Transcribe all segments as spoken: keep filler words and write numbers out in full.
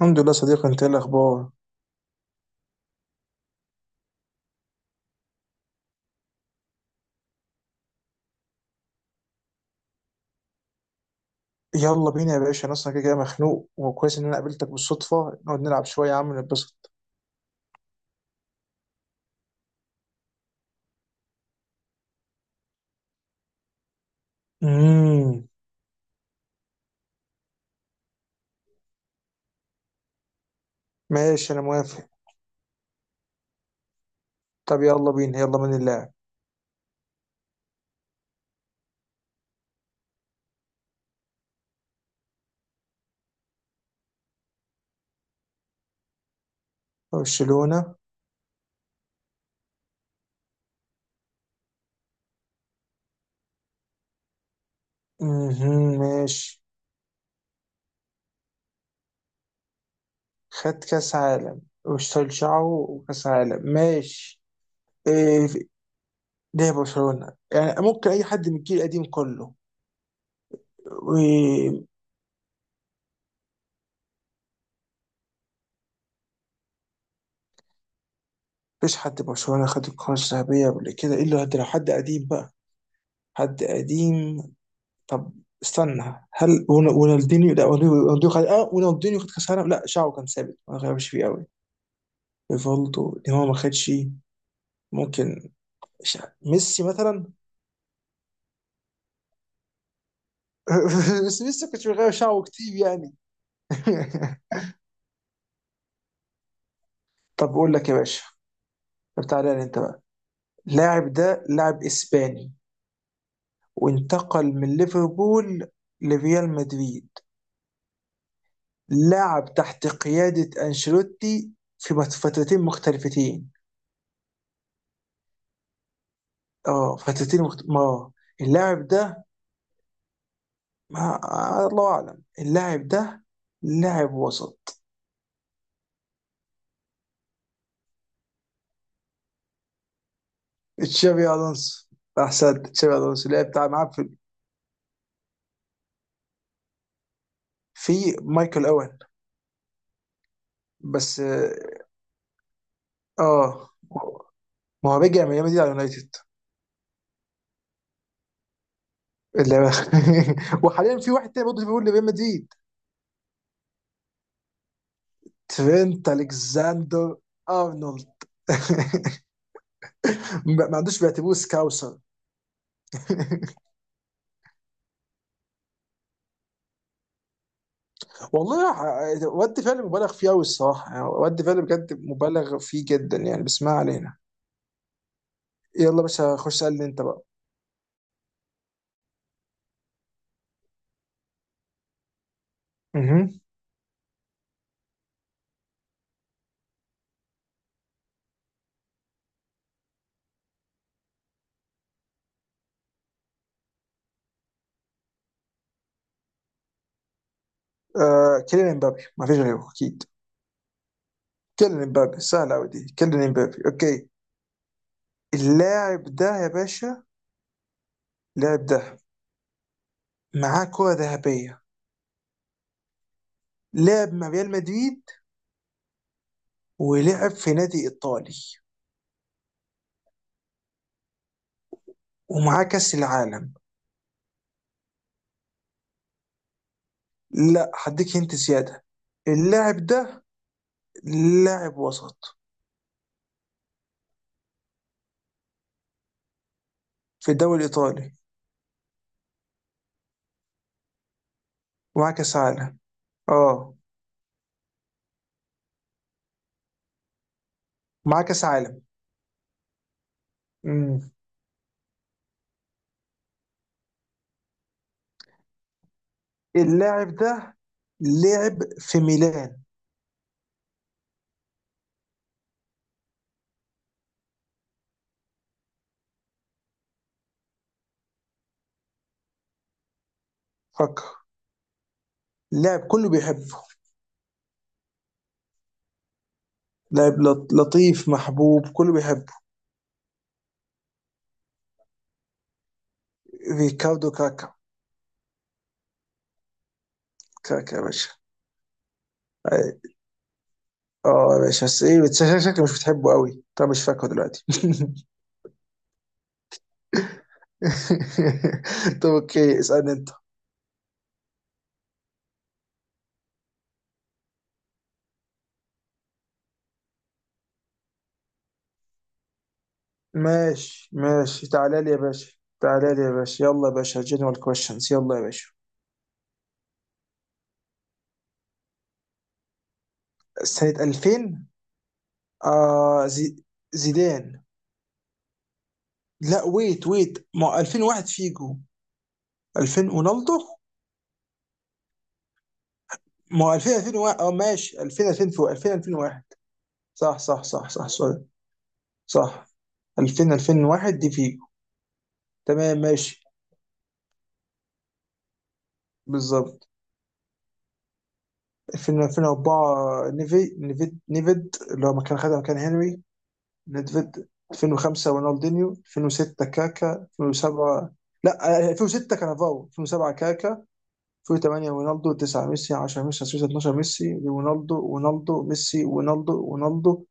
الحمد لله صديقي، انت ايه الاخبار؟ يلا بينا يا باشا، انا اصلا كده كده مخنوق، وكويس ان انا قابلتك بالصدفه، نقعد نلعب شويه يا عم نتبسط. امم ماشي، انا موافق. طب يلا بينا، يلا، من اللاعب؟ برشلونه. امم ماشي. خد كاس عالم، واشتغل شعره، وكاس عالم، ماشي. ايه في- ليه برشلونه يعني؟ ممكن اي حد من الجيل القديم كله. و- مفيش حد برشلونه خد الكره الذهبيه قبل كده، الا لو حد، لو حد قديم بقى. حد قديم. طب، استنى، هل ون- رونالدينيو. لا، رونالدينيو خد، اه رونالدينيو خد كاس العالم، لا شعره كان ثابت ما غيرش فيه قوي. ريفالدو، نيمار ما خدش. ممكن ش- ميسي مثلا. بس ميسي ما كانش بيغير شعره كتير يعني. طب، بقول لك يا باشا، طب تعالى لي انت بقى. اللاعب ده لاعب اسباني، وانتقل من ليفربول لريال مدريد، لعب تحت قيادة أنشيلوتي في فترتين مختلفتين. اه، فترتين مخت... ما آه. اللاعب ده، ما الله اعلم، اللاعب ده لاعب وسط. تشابي الونسو، احسنت. تشابي الونسو اللاعب بتاع، معاه في، في مايكل اوين. بس، اه، ما هو رجع من ريال مدريد على اليونايتد. اللي- وحاليا في واحد تاني برضه، في بيقول لريال مدريد. ترينت الكساندر ارنولد. ما ما عندوش، بيعتبروه سكاوسر. والله ح- ود فعلا مبالغ فيه قوي الصراحه يعني، ود فعلا بجد مبالغ فيه جدا يعني، بس ما علينا. يلا، بس خش اسالني انت بقى. مهم. آه، كيليان امبابي، ما فيش غيره اكيد. كيليان امبابي سهل قوي دي، كيليان امبابي، اوكي. اللاعب ده يا باشا، اللاعب ده، معاه كرة ذهبية، لعب مع ريال مدريد، ولعب في نادي ايطالي، ومعاه كأس العالم. لا، هديك انت زيادة. اللاعب ده لاعب وسط في الدوري الايطالي، ومعاه كأس عالم، اه، معاه كأس عالم. مم. اللاعب ده لعب في ميلان. فكر. لاعب كله بيحبه. لاعب لط- لطيف محبوب، كله بيحبه. ريكاردو كاكا. كاكا يا باشا. أي- اه يا باشا، بس ايه، بس شك- شكلك مش بتحبه قوي، طب مش فاكره دلوقتي. طب اوكي، اسألني انت. ماشي ماشي، تعالى لي يا باشا. تعالى لي يا باشا، يلا يا باشا، جنرال كويشنز، يلا يا باشا. سنة ألفين. آه زي... زيدان. لا، ويت ويت، ما ألفين وواحد فيجو. ألفين رونالدو. ما هو ألفين، ألفين وواحد، اه ماشي، ألفين ألفين. ألفين ألفين وواحد. صح صح صح صح، سوري. صح. ألفين ألفين وواحد دي فيجو. تمام ماشي. بالظبط. ألفين ألفين وأربعة، نيفي نيفيد، نيفيد اللي هو مكان، خدها مكان هنري. نيفيد. ألفين وخمسة رونالدينيو، ألفين وستة كاكا، ألفين وسبعة. لا آه، ألفين وستة كانافاو، ألفين وسبعة كاكا، ألفين وتمانية رونالدو، تسعة ميسي، عشرة ميسي، أحد عشر ألفين واتناشر ميسي، رونالدو، رونالدو، ميسي، رونالدو، رونالدو.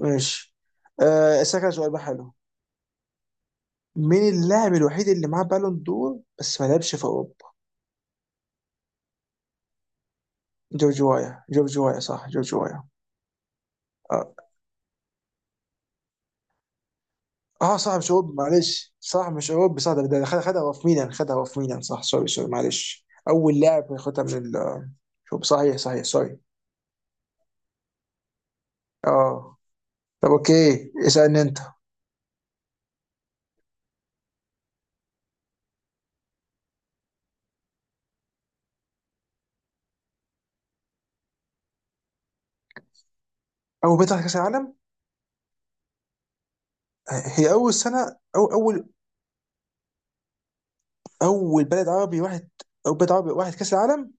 ماشي. أه، أسألك على سؤال بقى حلو. مين اللاعب الوحيد اللي معاه بالون دور بس ما لعبش في اوروبا؟ جورج وايا، جورج وايا صح، جورج وايا. اه. آه، صح مش اوروبي، معلش، صح مش اوروبي، صح. ده ده خد- خدها هو في ميلان، خدها هو في ميلان، صح، سوري سوري، معلش، اول لاعب ياخدها من ال. شوف، صحيح صحيح، سوري. اه. طب اوكي، اسالني انت. اول بطولة كاس العالم؟ هي اول سنه او اول، اول بلد عربي واحد، او بلد عربي واحد كاس العالم؟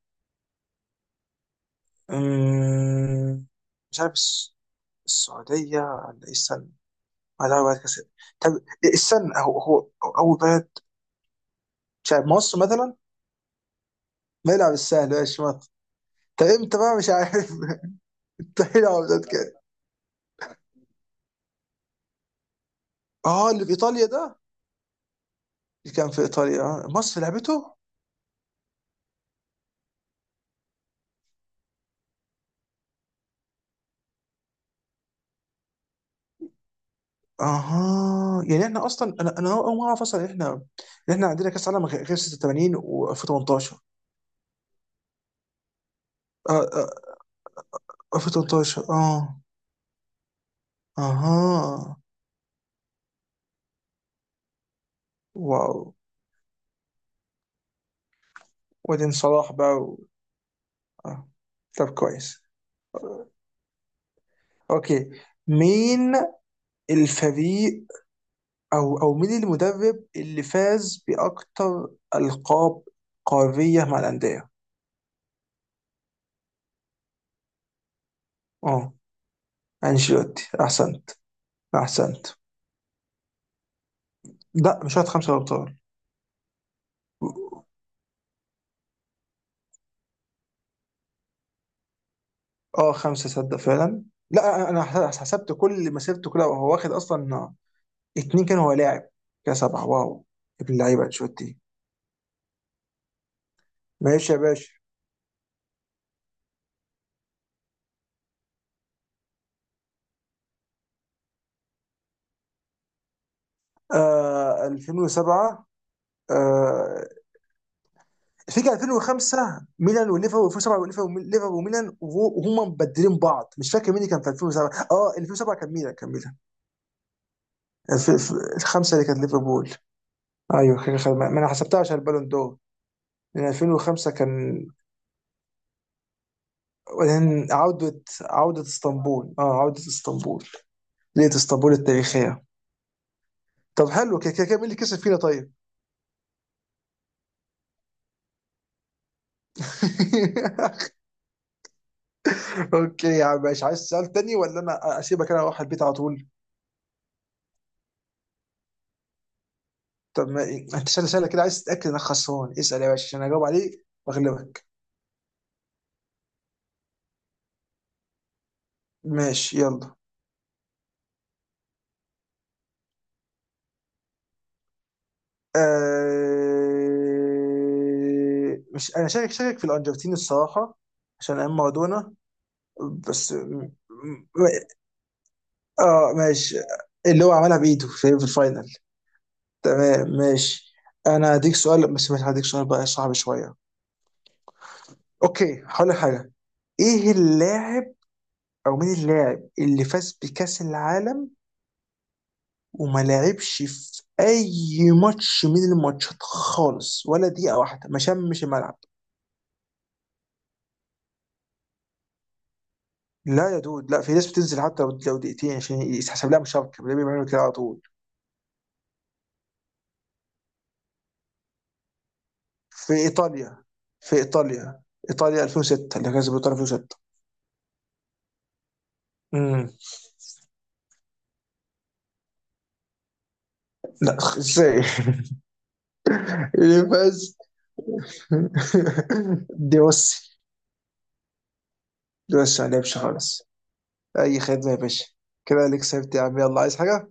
أمم، مش عارف الس- السعوديه ولا ايه السنه؟ لا، بعد كاس. طب، استنى، هو هو اول بلد، مش عارف، مصر مثلا. ما يلعب السهل، ماشي، مصر. طب امتى بقى، مش عارف. مستحيل العب ضد كده. اه، اللي في ايطاليا ده. اللي كان في ايطاليا، آه. مصر لعبته. اها، يعني احنا اصلا، انا انا اول ما اعرف اصلا إن احنا، إن احنا عندنا كاس عالم غير غير ستة وتمانين و2018. اه، آه، ألفين وتمنتاشر، اه. اها. واو. وبعدين صلاح بقى. و... آه. طب، كويس. اوكي، مين الفريق، او او مين المدرب اللي فاز باكتر القاب قاريه مع الانديه؟ اه، انشيلوتي، احسنت. احسنت. لا، مش واخد خمسه ابطال. اه، خمسه، صدق فعلا. لا انا، أنا حس- حسبت كل مسيرته كلها، وهو واخد اصلا اتنين كان هو لاعب، كده سبعه، واو. ابن اللعيبه انشيلوتي. ماشي يا باشا. آه، ألفين وسبعة. آه، فيجي ألفين وخمسة ميلان وليفر، و2007 وليفر، وليفر، ليفر، وميلان، وهو- وهم مبدلين بعض، مش فاكر مين اللي كان في ألفين وسبعة، اه ألفين وسبعة كان ميلان، كان ميلان. الف- الف- الخمسه اللي كانت ليفربول. ايوه، كان- كان- ما ما انا حسبتها عشان البالون دور. لان ألفين وخمسة كان. وبعدين عوده عوده اسطنبول، اه، عوده اسطنبول، ليله اسطنبول التاريخيه. طب حلو، كده كده كده، مين اللي كسب فينا طيب؟ اوكي يا عم ماشي، عايز سؤال تاني ولا انا اسيبك انا اروح البيت على طول؟ طب ما انت، سهله سهله كده، عايز تتاكد انك خسران؟ اسال يا باشا عشان اجاوب عليه واغلبك. ماشي، يلا. أه، مش انا شاكك شاكك في الارجنتين الصراحه، عشان ايام مارادونا. بس م- م- اه ماشي. اللي هو عملها بايده في في الفاينل. تمام ماشي. انا هديك سؤال، بس مش هديك سؤال بقى صعب شويه. اوكي، هقول لك حاجه. ايه اللاعب، او مين اللاعب اللي فاز بكاس العالم وما لعبش في اي ماتش من الماتشات خالص، ولا دقيقه واحده، ما شمش الملعب؟ لا يا دود، لا في ناس بتنزل حتى لو لو دقيقتين عشان يتحسب لها مشاركه، بيعملوا بيعملوا كده على طول. في ايطاليا، في ايطاليا، ايطاليا ألفين وستة، اللي كسبت ايطاليا ألفين وستة. امم لا، ازاي. اللي فاز. دي بص، دي بص ما لعبش خالص. اي خدمه يا باشا، كده اللي كسبت يا عم، يلا عايز حاجه.